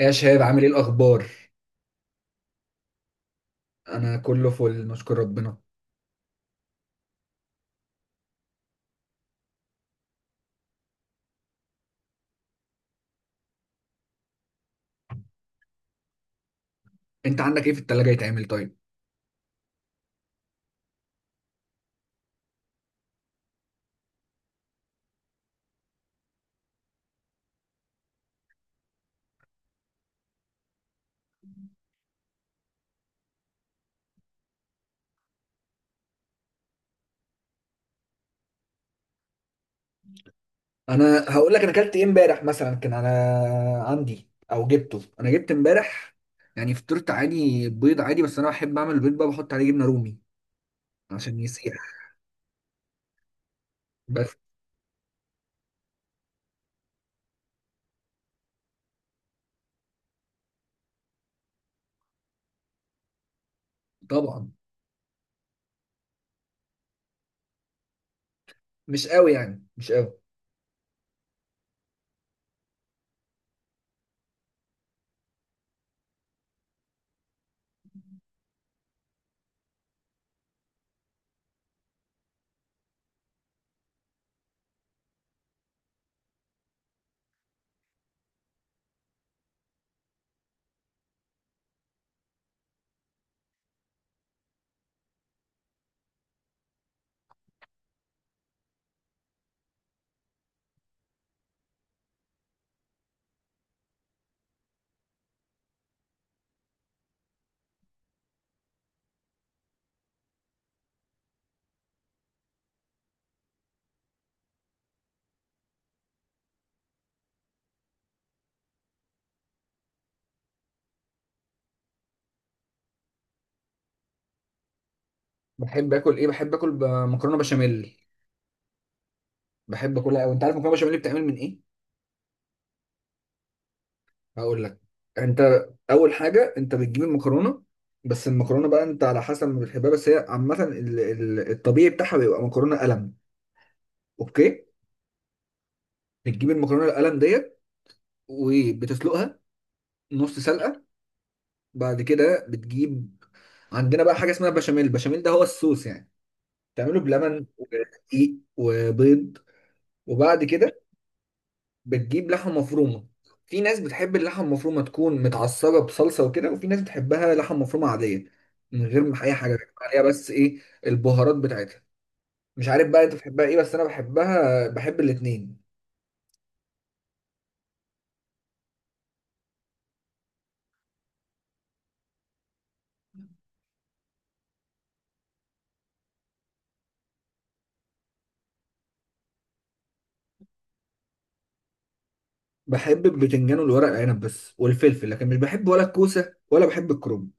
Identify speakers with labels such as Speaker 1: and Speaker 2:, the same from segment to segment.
Speaker 1: يا شباب، عامل ايه الاخبار؟ انا كله فل، نشكر ربنا. انت عندك ايه في التلاجة يتعمل طيب؟ انا هقول لك انا اكلت ايه امبارح. مثلا كان انا عندي او جبته انا جبت امبارح يعني فطرت عادي، بيض عادي، بس انا بحب اعمل البيض بقى، بحط عليه جبنة رومي عشان يسيح. بس طبعا مش قوي، يعني مش قوي. بحب اكل ايه؟ بحب اكل مكرونة بشاميل. بحب اكلها قوي. انت عارف مكرونة بشاميل بتعمل من ايه؟ هقول لك. انت اول حاجه انت بتجيب المكرونه، بس المكرونه بقى انت على حسب ما بتحبها، بس هي عامه الطبيعي بتاعها بيبقى مكرونه قلم. اوكي. بتجيب المكرونه القلم ديت وبتسلقها نص سلقه. بعد كده بتجيب، عندنا بقى حاجه اسمها بشاميل. البشاميل ده هو الصوص يعني، تعمله بلبن ودقيق وبيض. وبعد كده بتجيب لحمة مفرومة. في ناس بتحب اللحمة المفرومة تكون متعصرة بصلصة وكده، وفي ناس بتحبها لحمة مفرومة عادية من غير ما أي حاجة بيحط عليها بس إيه، البهارات بتاعتها. مش عارف بقى أنت بتحبها إيه، بس أنا بحبها، بحب الاتنين. بحب البتنجان والورق العنب بس والفلفل، لكن مش بحب ولا الكوسة ولا بحب الكرنب.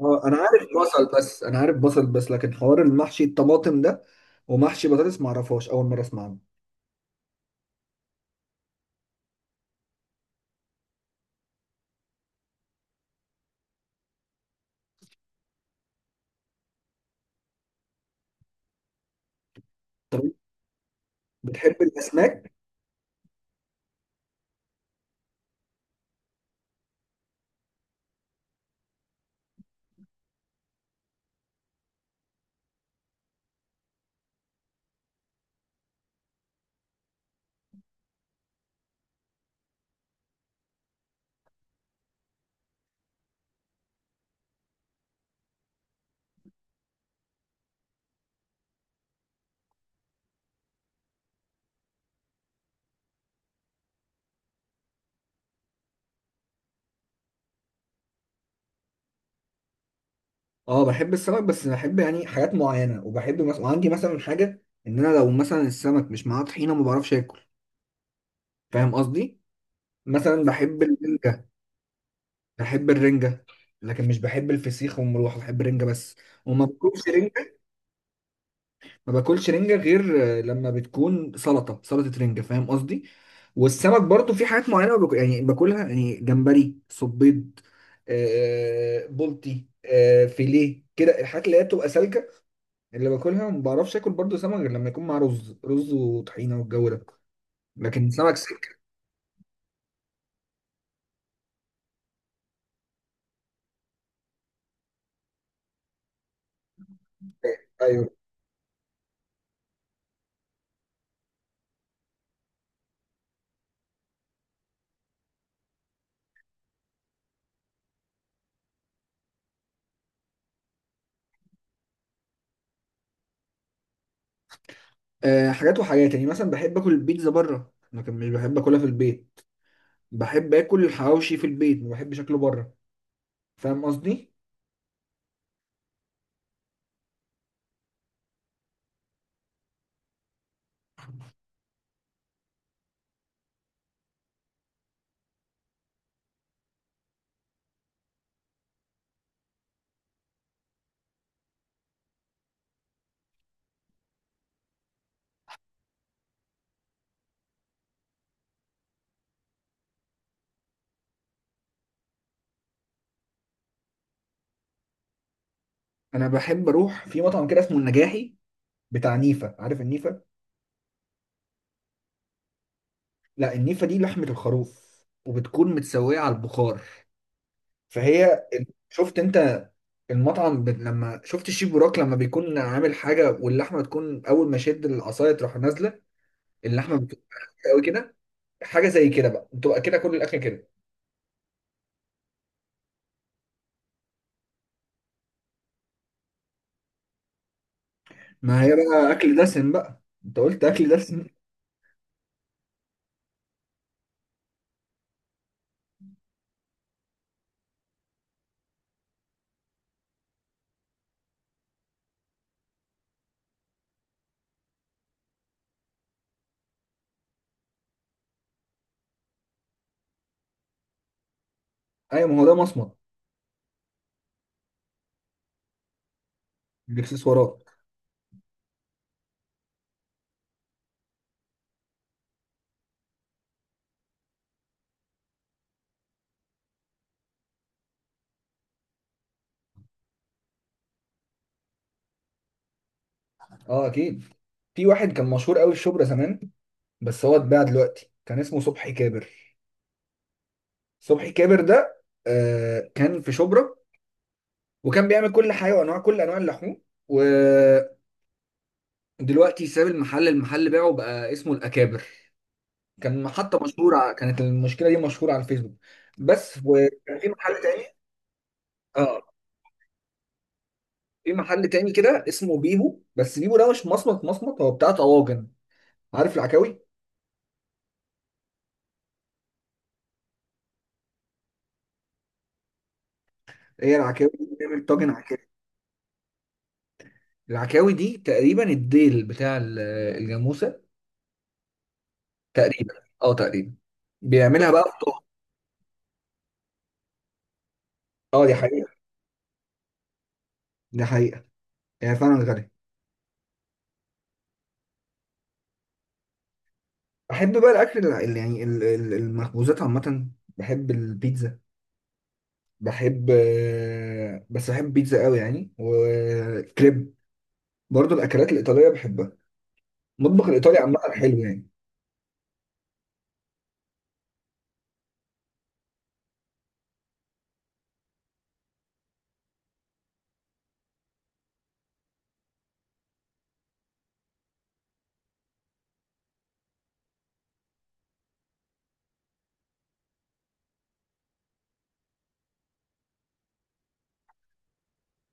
Speaker 1: اه أنا عارف بصل بس، أنا عارف بصل بس، لكن حوار المحشي الطماطم ده ومحشي بطاطس معرفهاش، أول مرة أسمع عنه. طب بتحب الأسماك؟ اه بحب السمك، بس بحب يعني حاجات معينه. وبحب مثلا، وعندي مثلا حاجه، ان انا لو مثلا السمك مش معاه طحينه ما بعرفش اكل. فاهم قصدي؟ مثلا بحب الرنجه. بحب الرنجه لكن مش بحب الفسيخ والمروحه، بحب الرنجه بس. وما باكلش رنجه، ما باكلش رنجه غير لما بتكون سلطه، سلطه رنجه. فاهم قصدي؟ والسمك برضو في حاجات معينه باكل، يعني باكلها يعني، جمبري، صبيط، بلطي، فيليه كده، الحاجات اللي هي بتبقى سالكه اللي باكلها. ما بعرفش اكل برضو سمك غير لما يكون مع رز، رز وطحينه والجو ده. لكن سمك سكه، ايوه. أه، حاجات وحاجات يعني، مثلا بحب اكل البيتزا بره لكن مش بحب اكلها في البيت. بحب اكل الحواوشي في البيت، ما بحبش اكله بره. فاهم قصدي؟ انا بحب اروح في مطعم كده اسمه النجاحي، بتاع نيفه. عارف النيفه؟ لا النيفه دي لحمه الخروف، وبتكون متسويه على البخار. فهي، شفت انت المطعم، لما شفت الشيف بوراك لما بيكون عامل حاجه واللحمه تكون اول ما شد العصايه تروح نازله، اللحمه بتكون قوي كده. حاجه زي كده بقى، بتبقى كده كل الاكل كده. ما هي بقى اكل دسم بقى، انت قلت اكل دسم. ايوه، ما هو ده مصمت. الاكسسوارات. اه اكيد. في واحد كان مشهور قوي في شبرا زمان، بس هو اتباع دلوقتي، كان اسمه صبحي كابر. صبحي كابر ده آه كان في شبرا، وكان بيعمل كل حاجه وانواع، كل انواع اللحوم. و… دلوقتي ساب المحل، المحل باعه بقى اسمه الأكابر. كان محطة مشهورة، كانت المشكلة دي مشهورة على الفيسبوك بس. وكان في محل تاني. اه في محل تاني كده اسمه بيبو، بس بيبو ده مش مصمت مصمت، هو بتاع طواجن. عارف العكاوي؟ هي العكاوي دي، بتعمل طاجن عكاوي. العكاوي دي تقريبا الديل بتاع الجاموسة تقريبا. اه تقريبا. بيعملها بقى في طاجن. اه دي حقيقة. دي حقيقة، هي فعلا غالية. بحب بقى الأكل اللي يعني المخبوزات عامة. بحب البيتزا. بحب بس بحب بيتزا قوي يعني، وكريب. برضو الاكلات الايطاليه بحبها، المطبخ الايطالي عامه حلو يعني.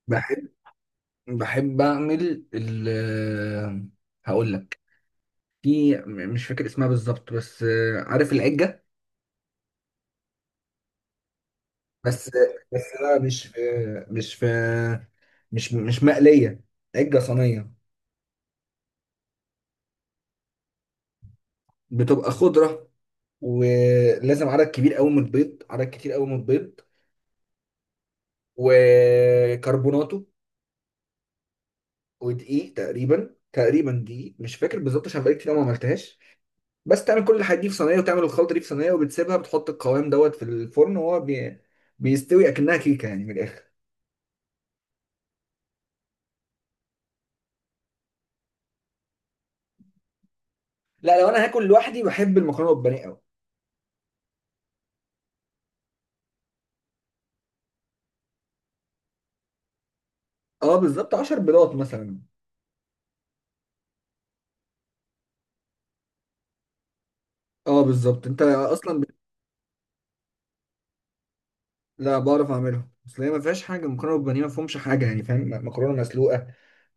Speaker 1: بحب بحب اعمل ال، هقول لك. في، مش فاكر اسمها بالظبط، بس عارف العجه؟ بس، بس لا مش في مش في مش مش مقليه، عجه صينيه. بتبقى خضره، ولازم عدد كبير قوي من البيض، عدد كتير قوي من البيض. وكربوناتو، ودقيق تقريبا، تقريبا دقيق مش فاكر بالظبط عشان بقالي كتير أوي ما عملتهاش. بس تعمل كل الحاجات دي في صينيه، وتعمل الخلطه دي في صينيه، وبتسيبها، بتحط القوام دوت في الفرن وهو بيستوي اكنها كيكه يعني من الاخر. لا لو انا هاكل لوحدي بحب المكرونه بالبانيه قوي. اه بالظبط 10 بيضات مثلا. اه بالظبط، انت اصلا لا بعرف اعملها، اصل هي ما فيهاش حاجه، المكرونه بالبانيه ما فيهمش حاجه يعني، فاهم؟ مكرونه مسلوقه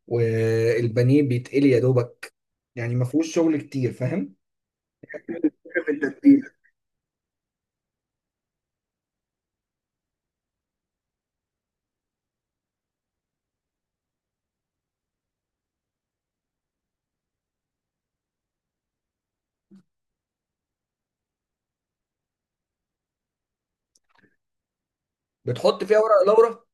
Speaker 1: والبانيه بيتقلي يا دوبك، يعني ما فيهوش شغل كتير، فاهم؟ في التتبيله. بتحط فيها ورق لورا.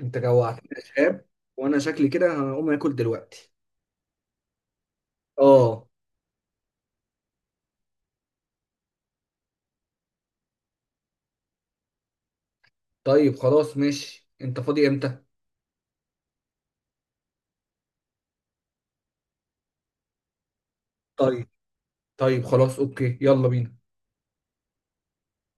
Speaker 1: انت جوعتني يا شباب، وانا شكلي كده هقوم اكل دلوقتي. اه. طيب خلاص ماشي، انت فاضي امتى؟ طيب، طيب خلاص اوكي، يلا بينا.